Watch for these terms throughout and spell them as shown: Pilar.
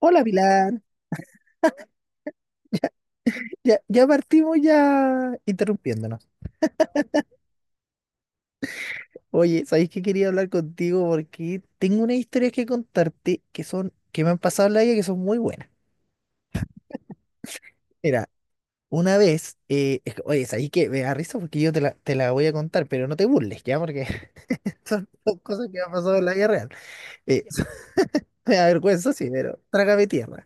Hola Pilar, ya partimos ya interrumpiéndonos. Oye, ¿sabéis que quería hablar contigo? Porque tengo unas historias que contarte que me han pasado en la vida, que son muy buenas. Mira, una vez, oye, ¿sabéis? Que me da risa porque yo te la voy a contar, pero no te burles, ¿ya? Porque son cosas que me han pasado en la vida real. Eh, me da vergüenza, sí, pero trágame tierra.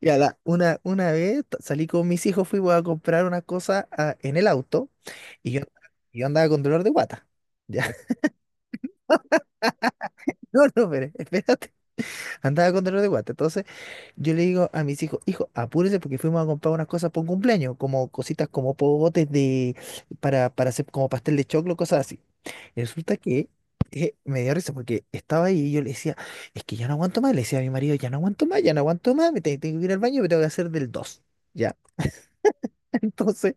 Y una vez salí con mis hijos, fuimos a comprar una cosa, en el auto, y yo andaba con dolor de guata. No, no, pero espérate, andaba con dolor de guata. Entonces yo le digo a mis hijos, hijo, apúrese, porque fuimos a comprar unas cosas para un cumpleaños, como cositas, como pogotes, para hacer como pastel de choclo, cosas así. Y resulta que, me dio risa porque estaba ahí y yo le decía, es que ya no aguanto más, le decía a mi marido, ya no aguanto más, ya no aguanto más, tengo que ir al baño, me tengo que hacer del dos. Ya, entonces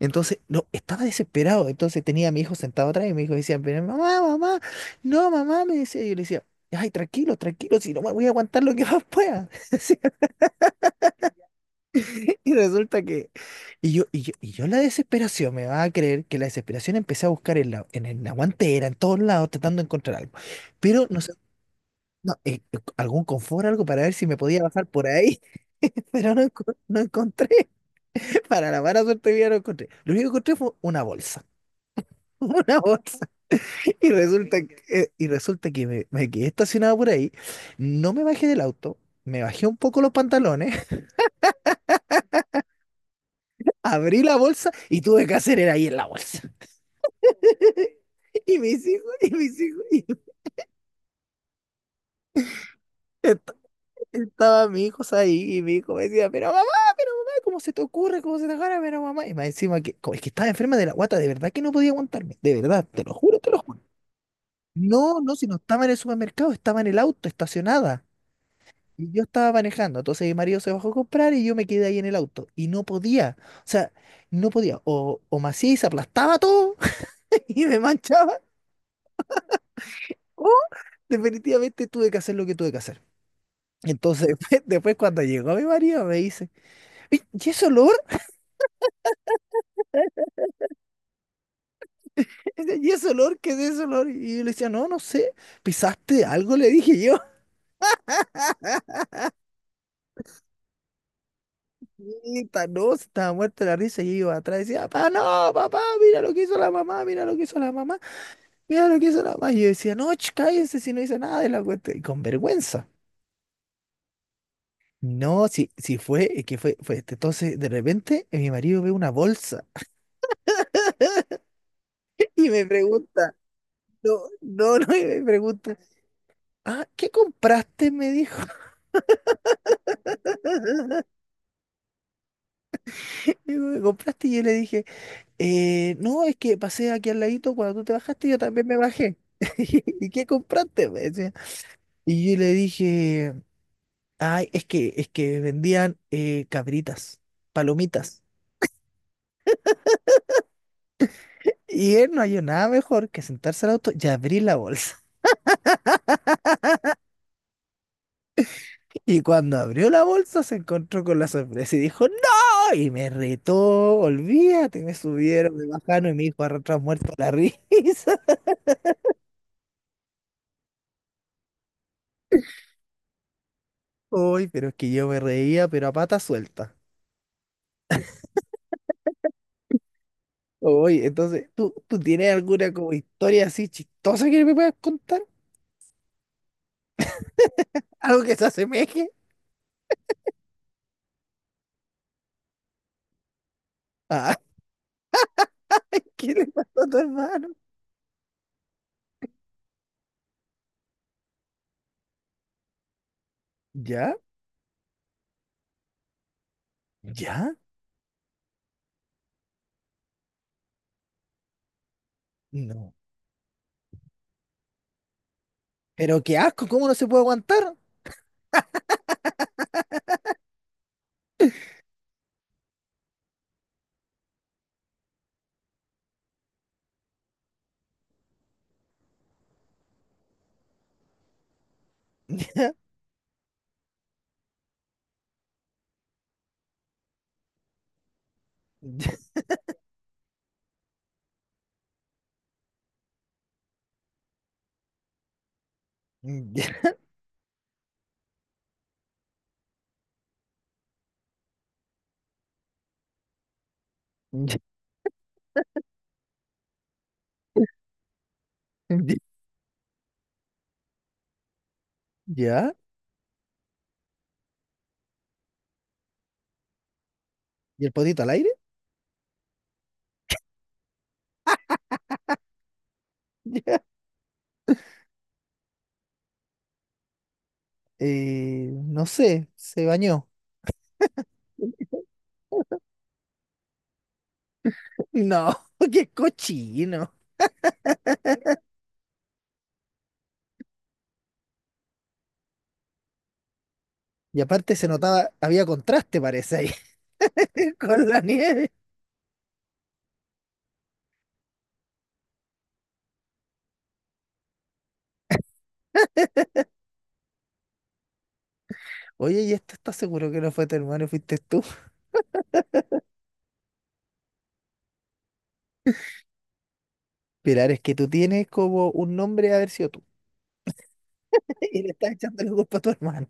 entonces, no, estaba desesperado. Entonces tenía a mi hijo sentado atrás y mi hijo decía, pero mamá, mamá, no, mamá, me decía. Y yo le decía, ay, tranquilo, tranquilo, si no me voy a aguantar lo que más pueda. Decía. Y resulta que, y yo, la desesperación, me va a creer que la desesperación, empecé a buscar en la guantera, en todos lados, tratando de encontrar algo. Pero no sé, no, algún confort, algo para ver si me podía bajar por ahí. Pero no, no encontré. Para la mala suerte mía, no encontré. Lo único que encontré fue una bolsa. Una bolsa. Y resulta que me quedé estacionado por ahí, no me bajé del auto, me bajé un poco los pantalones, abrí la bolsa y tuve que hacer era ahí en la bolsa. Y mis hijos. est- estaba mi hijo ahí, y mi hijo me decía, pero mamá, ¿cómo se te ocurre? ¿Cómo se te agarra? Pero mamá, y más encima que, como es que estaba enferma de la guata, de verdad que no podía aguantarme, de verdad, te lo juro, te lo juro. No, no, si no estaba en el supermercado, estaba en el auto, estacionada. Y yo estaba manejando, entonces mi marido se bajó a comprar y yo me quedé ahí en el auto. Y no podía, o sea, no podía. O me hacía y se aplastaba todo, y me manchaba, o definitivamente tuve que hacer lo que tuve que hacer. Entonces, después, cuando llegó mi marido, me dice: "Oye, ¿y ese olor? ¿Y ese olor? ¿Qué es ese olor?". Y yo le decía, no, no sé, pisaste algo, le dije yo. Y no, se estaba muerta la risa, y yo iba atrás y decía, papá, no, papá, mira lo que hizo la mamá, mira lo que hizo la mamá. Mira lo que hizo la más. Y yo decía, no, cállense, si no hice nada de la cuenta. Y con vergüenza. No, si es que fue este. Entonces, de repente, mi marido ve una bolsa y me pregunta, no, no, no, y me pregunta, ¿qué compraste?, me dijo. me ¿Qué compraste? Y yo le dije: No, es que pasé aquí al ladito, cuando tú te bajaste, yo también me bajé". ¿Y qué compraste?, me decía. Y yo le dije, ay, es que vendían, cabritas, palomitas. Y él no halló nada mejor que sentarse al auto y abrir la bolsa. Y cuando abrió la bolsa se encontró con la sorpresa y dijo: ¡No! Y me retó, olvídate, me subieron, me bajaron, y me dijo, arrastrado, muerto la risa. Uy, pero es que yo me reía, pero a pata suelta. Uy, entonces, ¿tú tienes alguna como historia así chistosa que me puedas contar? ¿Algo que se asemeje? Ah, ¿qué le pasó a tu hermano? ¿Ya? ¿Ya? No. Pero qué asco, ¿cómo no se puede aguantar? ¿Ya? ¿Y el potito al aire? No sé, se bañó. No, qué cochino. Y aparte se notaba, había contraste, parece ahí, con la nieve. Oye, ¿y esto estás seguro que no fue tu hermano, fuiste tú? Pilar, es que tú tienes como un nombre de haber sido tú. Y le estás echando la culpa a tu hermano.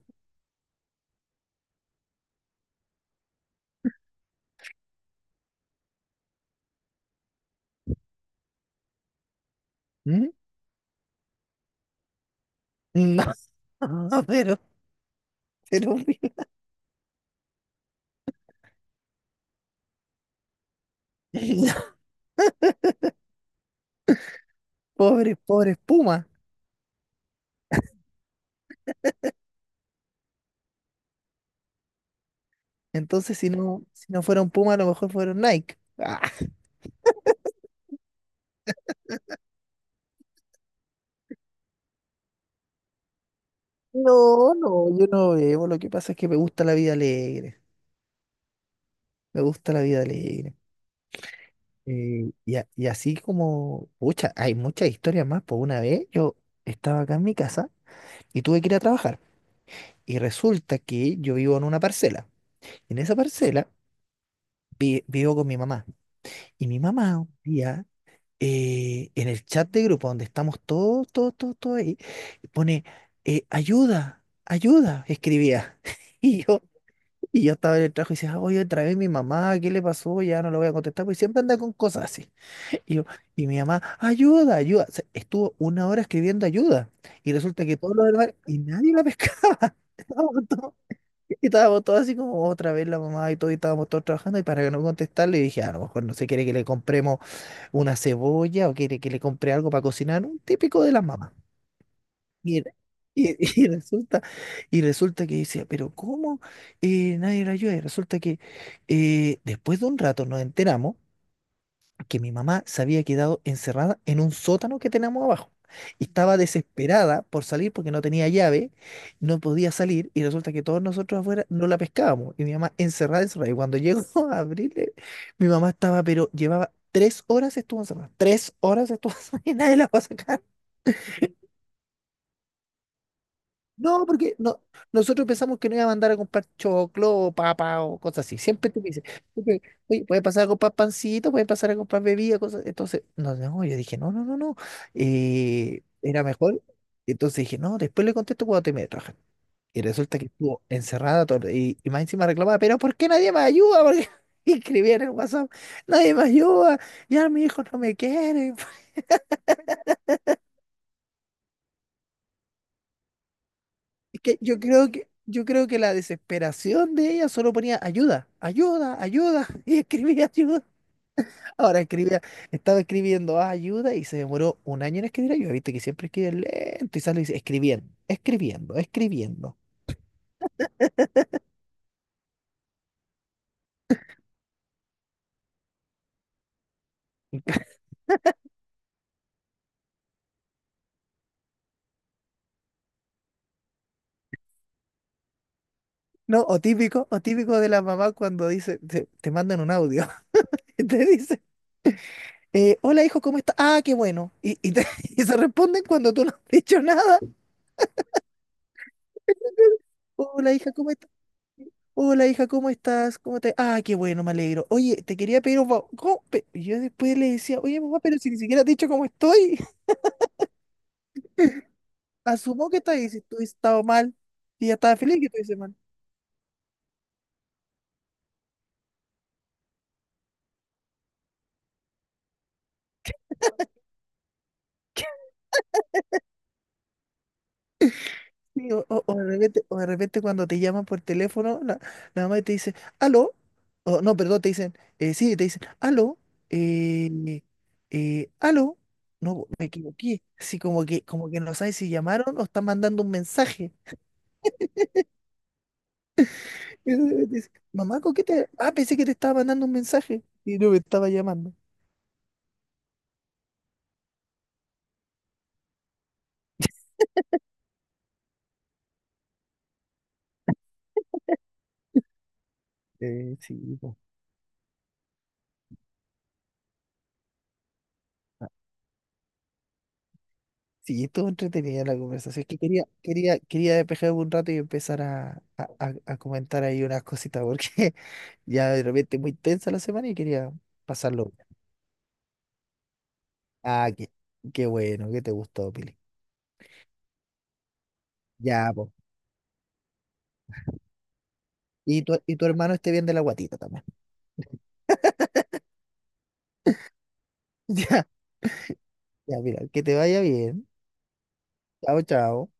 ¿Mm? No, pero, pero, pobre, pobre Puma. Entonces, si no fueron Puma, a lo mejor fueron Nike. Ah, no, no, yo no bebo. Lo que pasa es que me gusta la vida alegre. Me gusta la vida alegre. Y así como, pucha, hay muchas historias más. Por una vez yo estaba acá en mi casa y tuve que ir a trabajar. Y resulta que yo vivo en una parcela. En esa parcela vivo con mi mamá. Y mi mamá un día, en el chat de grupo donde estamos todos, todos, todos, todos ahí, pone, ayuda, ayuda, escribía. Y yo. Y yo estaba en el trabajo y decía, oye, otra vez mi mamá, ¿qué le pasó? Ya no lo voy a contestar, porque siempre anda con cosas así. Y yo, y mi mamá, ayuda, ayuda. O sea, estuvo una hora escribiendo ayuda. Y resulta que todos los demás, y nadie la pescaba. Estábamos todos, estábamos todos así, como otra vez la mamá y todo, y estábamos todos trabajando. Y para que no contestarle, dije, a lo mejor no, se quiere que le compremos una cebolla, o quiere que le compre algo para cocinar. Un típico de las mamás. Y, re- y- y resulta, y resulta que decía, pero ¿cómo nadie la ayuda? Y resulta que, después de un rato, nos enteramos que mi mamá se había quedado encerrada en un sótano que tenemos abajo. Y estaba desesperada por salir porque no tenía llave, no podía salir, y resulta que todos nosotros afuera no la pescábamos. Y mi mamá encerrada, encerrada. Y cuando llegó a abrirle, mi mamá estaba, pero llevaba 3 horas, estuvo encerrada. 3 horas estuvo encerrada y nadie la va a sacar. No, porque no, nosotros pensamos que no, iba a mandar a comprar choclo o papa o cosas así. Siempre te dice, oye, oye, puede pasar a comprar pancito, puede pasar a comprar bebida, cosas. Entonces, no, no, yo dije, no, no, no, no, era mejor. Entonces dije, no, después le contesto cuando termine de trabajar. Y resulta que estuvo encerrada todo, y más encima reclamaba, pero ¿por qué nadie me ayuda? Porque escribía en el WhatsApp: nadie me ayuda, ya mi hijo no me quiere. Es que yo creo que la desesperación de ella, solo ponía ayuda, ayuda, ayuda, y escribía ayuda. Ahora escribía, estaba escribiendo ayuda y se demoró un año en escribir ayuda. Viste que siempre escribe lento y sale y dice, escribiendo, escribiendo, escribiendo. No, o típico, o típico, de la mamá cuando dice, te mandan un audio, y te dice, hola hijo, ¿cómo estás? Ah, qué bueno. Y se responden cuando tú no has dicho nada. Hola hija, ¿cómo estás? Hola hija, ¿cómo estás? ¿Cómo te...? Ah, qué bueno, me alegro. Oye, te quería pedir un favor. ¿Cómo? Y yo después le decía, oye mamá, pero si ni siquiera te he dicho cómo estoy. Asumo que estás, si tú has estado mal. Y ya estaba feliz que estuviese mal. Sí, o de repente, cuando te llaman por teléfono, la mamá te dice, aló, o no, perdón, te dicen, sí, te dicen, aló, eh, aló, no, me equivoqué, así como que no sabes si llamaron o están mandando un mensaje. Y tú dices, mamá, coquete. Ah, pensé que te estaba mandando un mensaje y no me estaba llamando. Sí, po. Sí, estuvo entretenida la conversación. Es que quería despejarme un rato y empezar a comentar ahí unas cositas, porque ya, de repente, muy tensa la semana, y quería pasarlo bien. Ah, qué bueno que te gustó, Pili. Ya, pues. Y tu hermano esté bien de la guatita también. Ya, ya, mira, que te vaya bien. Chao, chao.